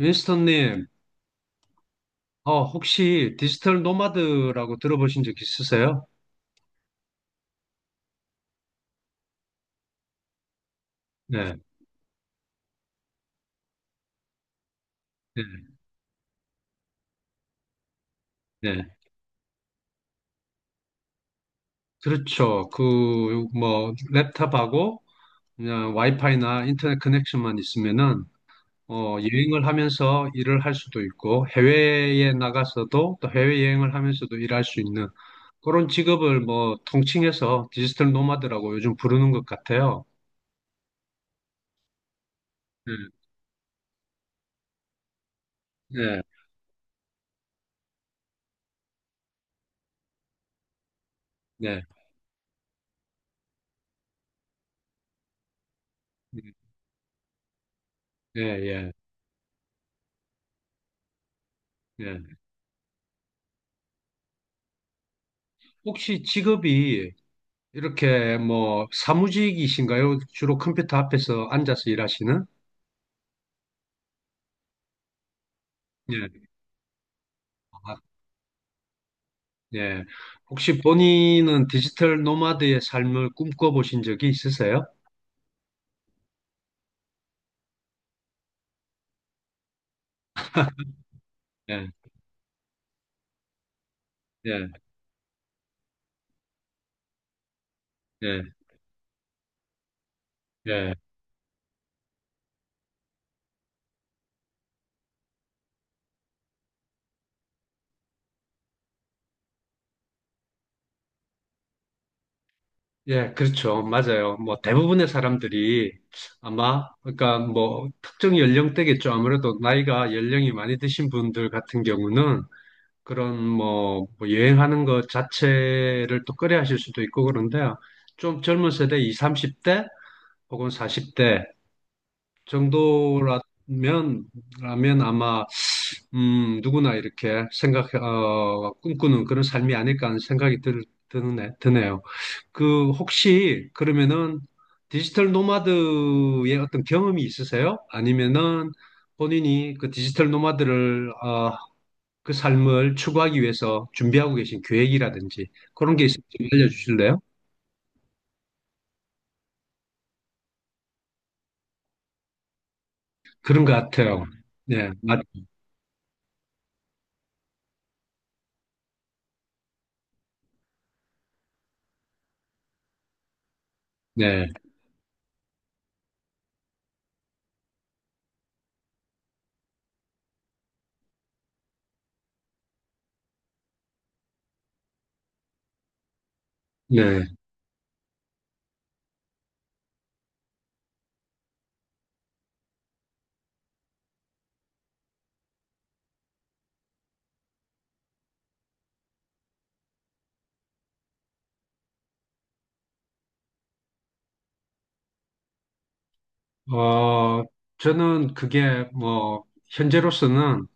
윈스턴님, 혹시 디지털 노마드라고 들어보신 적 있으세요? 네, 네, 네. 그렇죠. 뭐, 랩탑하고 그냥 와이파이나 인터넷 커넥션만 있으면은, 여행을 하면서 일을 할 수도 있고, 해외에 나가서도 또 해외여행을 하면서도 일할 수 있는 그런 직업을 뭐, 통칭해서 디지털 노마드라고 요즘 부르는 것 같아요. 네, 네, 네, 음, 네, 예, 예. 예. 혹시 직업이 이렇게 뭐 사무직이신가요? 주로 컴퓨터 앞에서 앉아서 일하시는? 예. 아, 예. 혹시 본인은 디지털 노마드의 삶을 꿈꿔보신 적이 있으세요? 예. 예. 예. 예. 예, 그렇죠. 맞아요. 뭐 대부분의 사람들이 아마 그러니까 뭐 특정 연령대겠죠. 아무래도 나이가 연령이 많이 드신 분들 같은 경우는 그런 뭐뭐 여행하는 것 자체를 또 꺼려 하실 수도 있고 그런데 좀 젊은 세대 20, 30대 혹은 40대 정도라면 라면 아마 누구나 이렇게 꿈꾸는 그런 삶이 아닐까 하는 생각이 드네요. 혹시 그러면은 디지털 노마드의 어떤 경험이 있으세요? 아니면은 본인이 디지털 노마드를 그 삶을 추구하기 위해서 준비하고 계신 계획이라든지 그런 게 있으면 좀 알려주실래요? 그런 것 같아요. 네, 맞, 네, 네. 어, 저는 그게 뭐, 현재로서는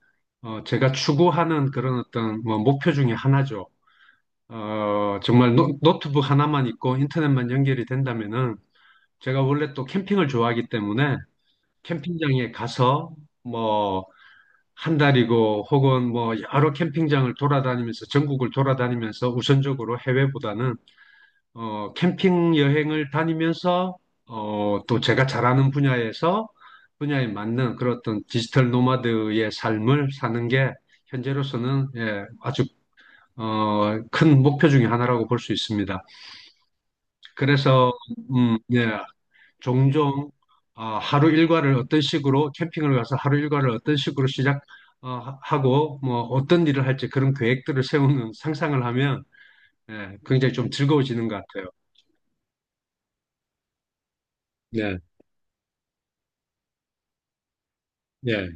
제가 추구하는 그런 어떤 뭐 목표 중에 하나죠. 어, 정말 노, 트북 하나만 있고 인터넷만 연결이 된다면은 제가 원래 또 캠핑을 좋아하기 때문에 캠핑장에 가서 뭐, 한 달이고 혹은 뭐 여러 캠핑장을 돌아다니면서 전국을 돌아다니면서 우선적으로 해외보다는 캠핑 여행을 다니면서 또 제가 잘하는 분야에 맞는 그런 어떤 디지털 노마드의 삶을 사는 게 현재로서는 예, 아주 큰 목표 중에 하나라고 볼 수 있습니다. 그래서 음, 예, 종종 하루 일과를 어떤 식으로 캠핑을 가서 하루 일과를 어떤 식으로 시작 어, 하- 고 뭐 어떤 일을 할지 그런 계획들을 세우는 상상을 하면 예, 굉장히 좀 즐거워지는 것 같아요. 네, 예.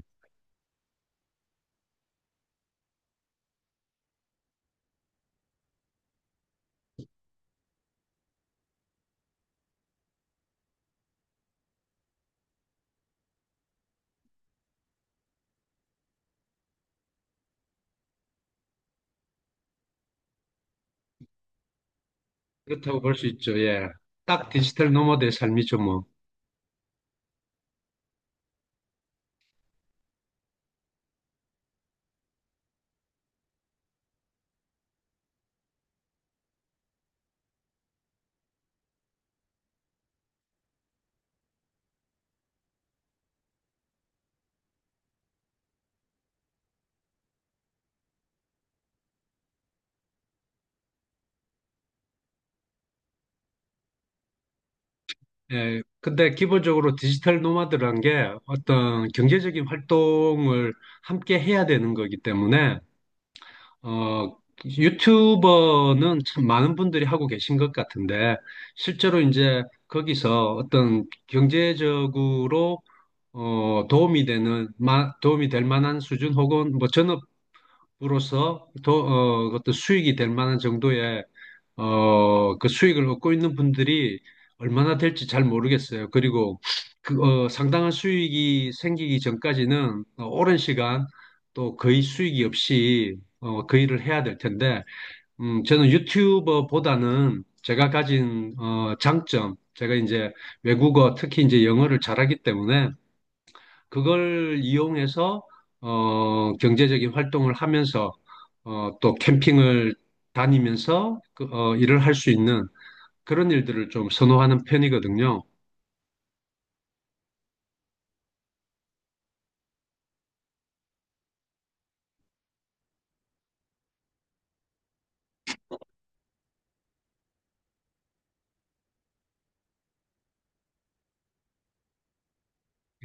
그렇다고 볼 수 있죠. 예. 딱 디지털 노마드의 삶이죠, 뭐. 예. 근데 기본적으로 디지털 노마드란 게 어떤 경제적인 활동을 함께 해야 되는 거기 때문에, 어, 유튜버는 참 많은 분들이 하고 계신 것 같은데, 실제로 이제 거기서 어떤 경제적으로 도움이 도움이 될 만한 수준 혹은 뭐 전업 로서 더, 어, 어떤 수익이 될 만한 정도의 그 수익을 얻고 있는 분들이 얼마나 될지 잘 모르겠어요. 그리고 상당한 수익이 생기기 전까지는 어, 오랜 시간 또 거의 수익이 없이 그 일을 해야 될 텐데, 저는 유튜버보다는 제가 가진 장점, 제가 이제 외국어, 특히 이제 영어를 잘하기 때문에 그걸 이용해서 경제적인 활동을 하면서 또 캠핑을 다니면서 일을 할 수 있는 그런 일들을 좀 선호하는 편이거든요.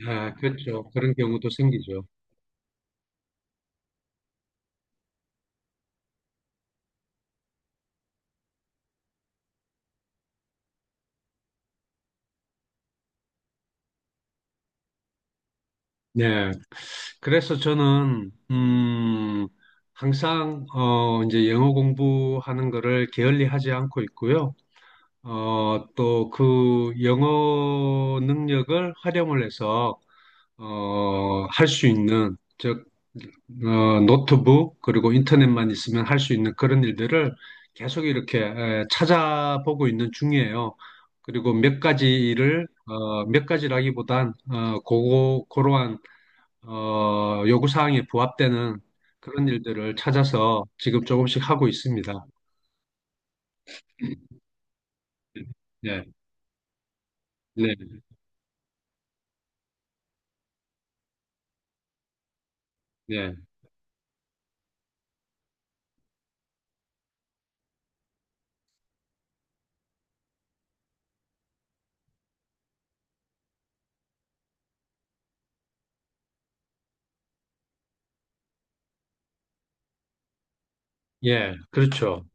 아, 그렇죠. 그런 경우도 생기죠. 네. 그래서 저는, 항상, 이제 영어 공부하는 거를 게을리 하지 않고 있고요. 또 그 영어 능력을 활용을 해서, 할 수 있는, 노트북 그리고 인터넷만 있으면 할 수 있는 그런 일들을 계속 이렇게 찾아보고 있는 중이에요. 그리고 몇 가지라기보단 어, 고고 고러한 요구 사항에 부합되는 그런 일들을 찾아서 지금 조금씩 하고 있습니다. 예, 네, 네, 네, 예, 그렇죠.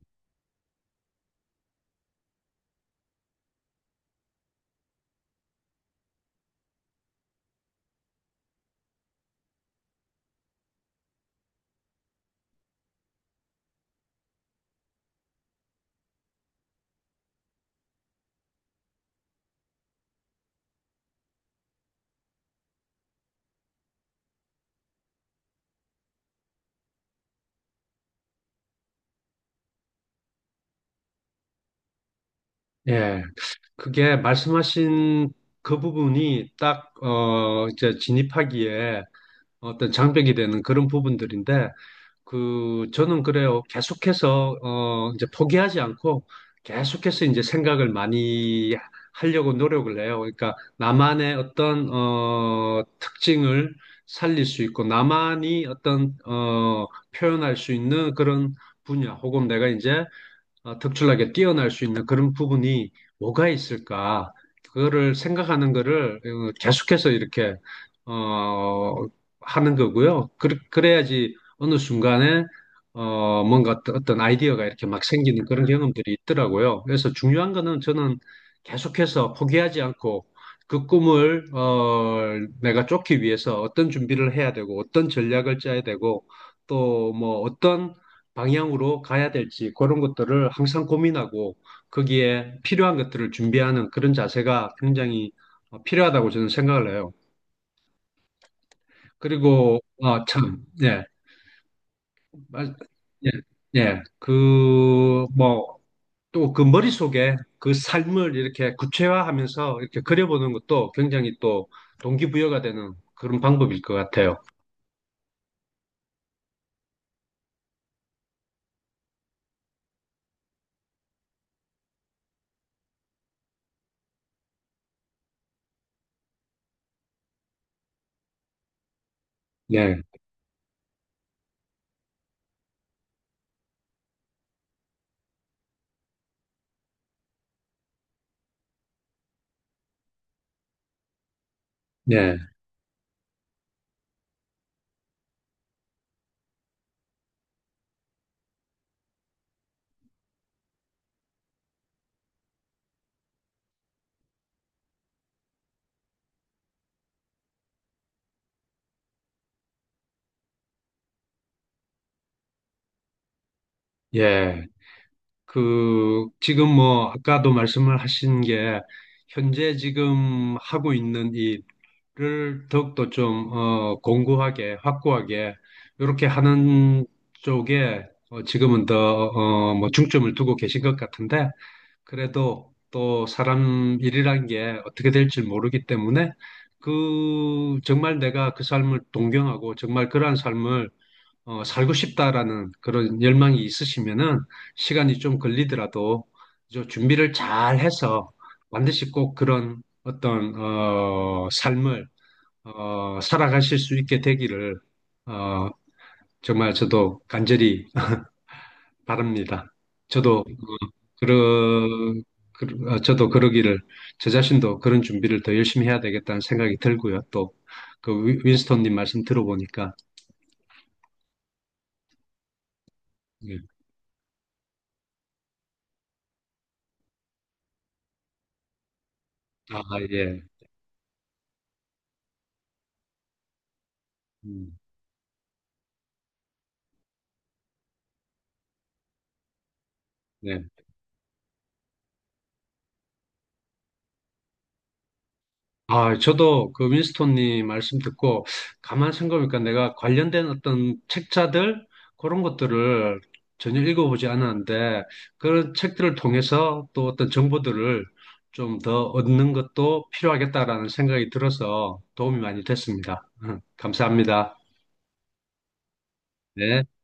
예, 그게 말씀하신 그 부분이 딱, 이제 진입하기에 어떤 장벽이 되는 그런 부분들인데 그 저는 그래요. 계속해서 이제 포기하지 않고 계속해서 이제 생각을 많이 하려고 노력을 해요. 그러니까 나만의 어떤 특징을 살릴 수 있고 나만이 어떤 표현할 수 있는 그런 분야 혹은 내가 이제 특출나게 뛰어날 수 있는 그런 부분이 뭐가 있을까? 그거를 생각하는 거를 계속해서 이렇게 어, 하는 거고요. 그래야지 어느 순간에 뭔가 어떤 아이디어가 이렇게 막 생기는 그런 경험들이 있더라고요. 그래서 중요한 거는 저는 계속해서 포기하지 않고 그 꿈을 내가 쫓기 위해서 어떤 준비를 해야 되고 어떤 전략을 짜야 되고 또 뭐 어떤 방향으로 가야 될지 그런 것들을 항상 고민하고 거기에 필요한 것들을 준비하는 그런 자세가 굉장히 필요하다고 저는 생각을 해요. 그리고 아, 참, 예, 말- 예, 예, 그 뭐 또 그 머릿속에 그 삶을 이렇게 구체화하면서 이렇게 그려보는 것도 굉장히 또 동기부여가 되는 그런 방법일 것 같아요. 예, 예, 예. 지금 뭐 아까도 말씀을 하신 게 현재 지금 하고 있는 일을 더욱더 좀 공고하게 확고하게 이렇게 하는 쪽에 지금은 더 뭐 중점을 두고 계신 것 같은데 그래도 또 사람 일이란 게 어떻게 될지 모르기 때문에 그 정말 내가 그 삶을 동경하고 정말 그러한 삶을 살고 싶다라는 그런 열망이 있으시면은 시간이 좀 걸리더라도 저 준비를 잘 해서 반드시 꼭 그런 어떤 삶을 살아가실 수 있게 되기를 어, 정말 저도 간절히 바랍니다. 저도 어, 그러, 그, 어, 저도 그러기를 저 자신도 그런 준비를 더 열심히 해야 되겠다는 생각이 들고요. 또 그 윈스톤님 말씀 들어보니까 예. 아 예. 음, 네. 아, 저도 그 윈스톤님 말씀 듣고 가만 생각해보니까 내가 관련된 어떤 책자들 그런 것들을 전혀 읽어보지 않았는데 그런 책들을 통해서 또 어떤 정보들을 좀 더 얻는 것도 필요하겠다라는 생각이 들어서 도움이 많이 됐습니다. 감사합니다. 네.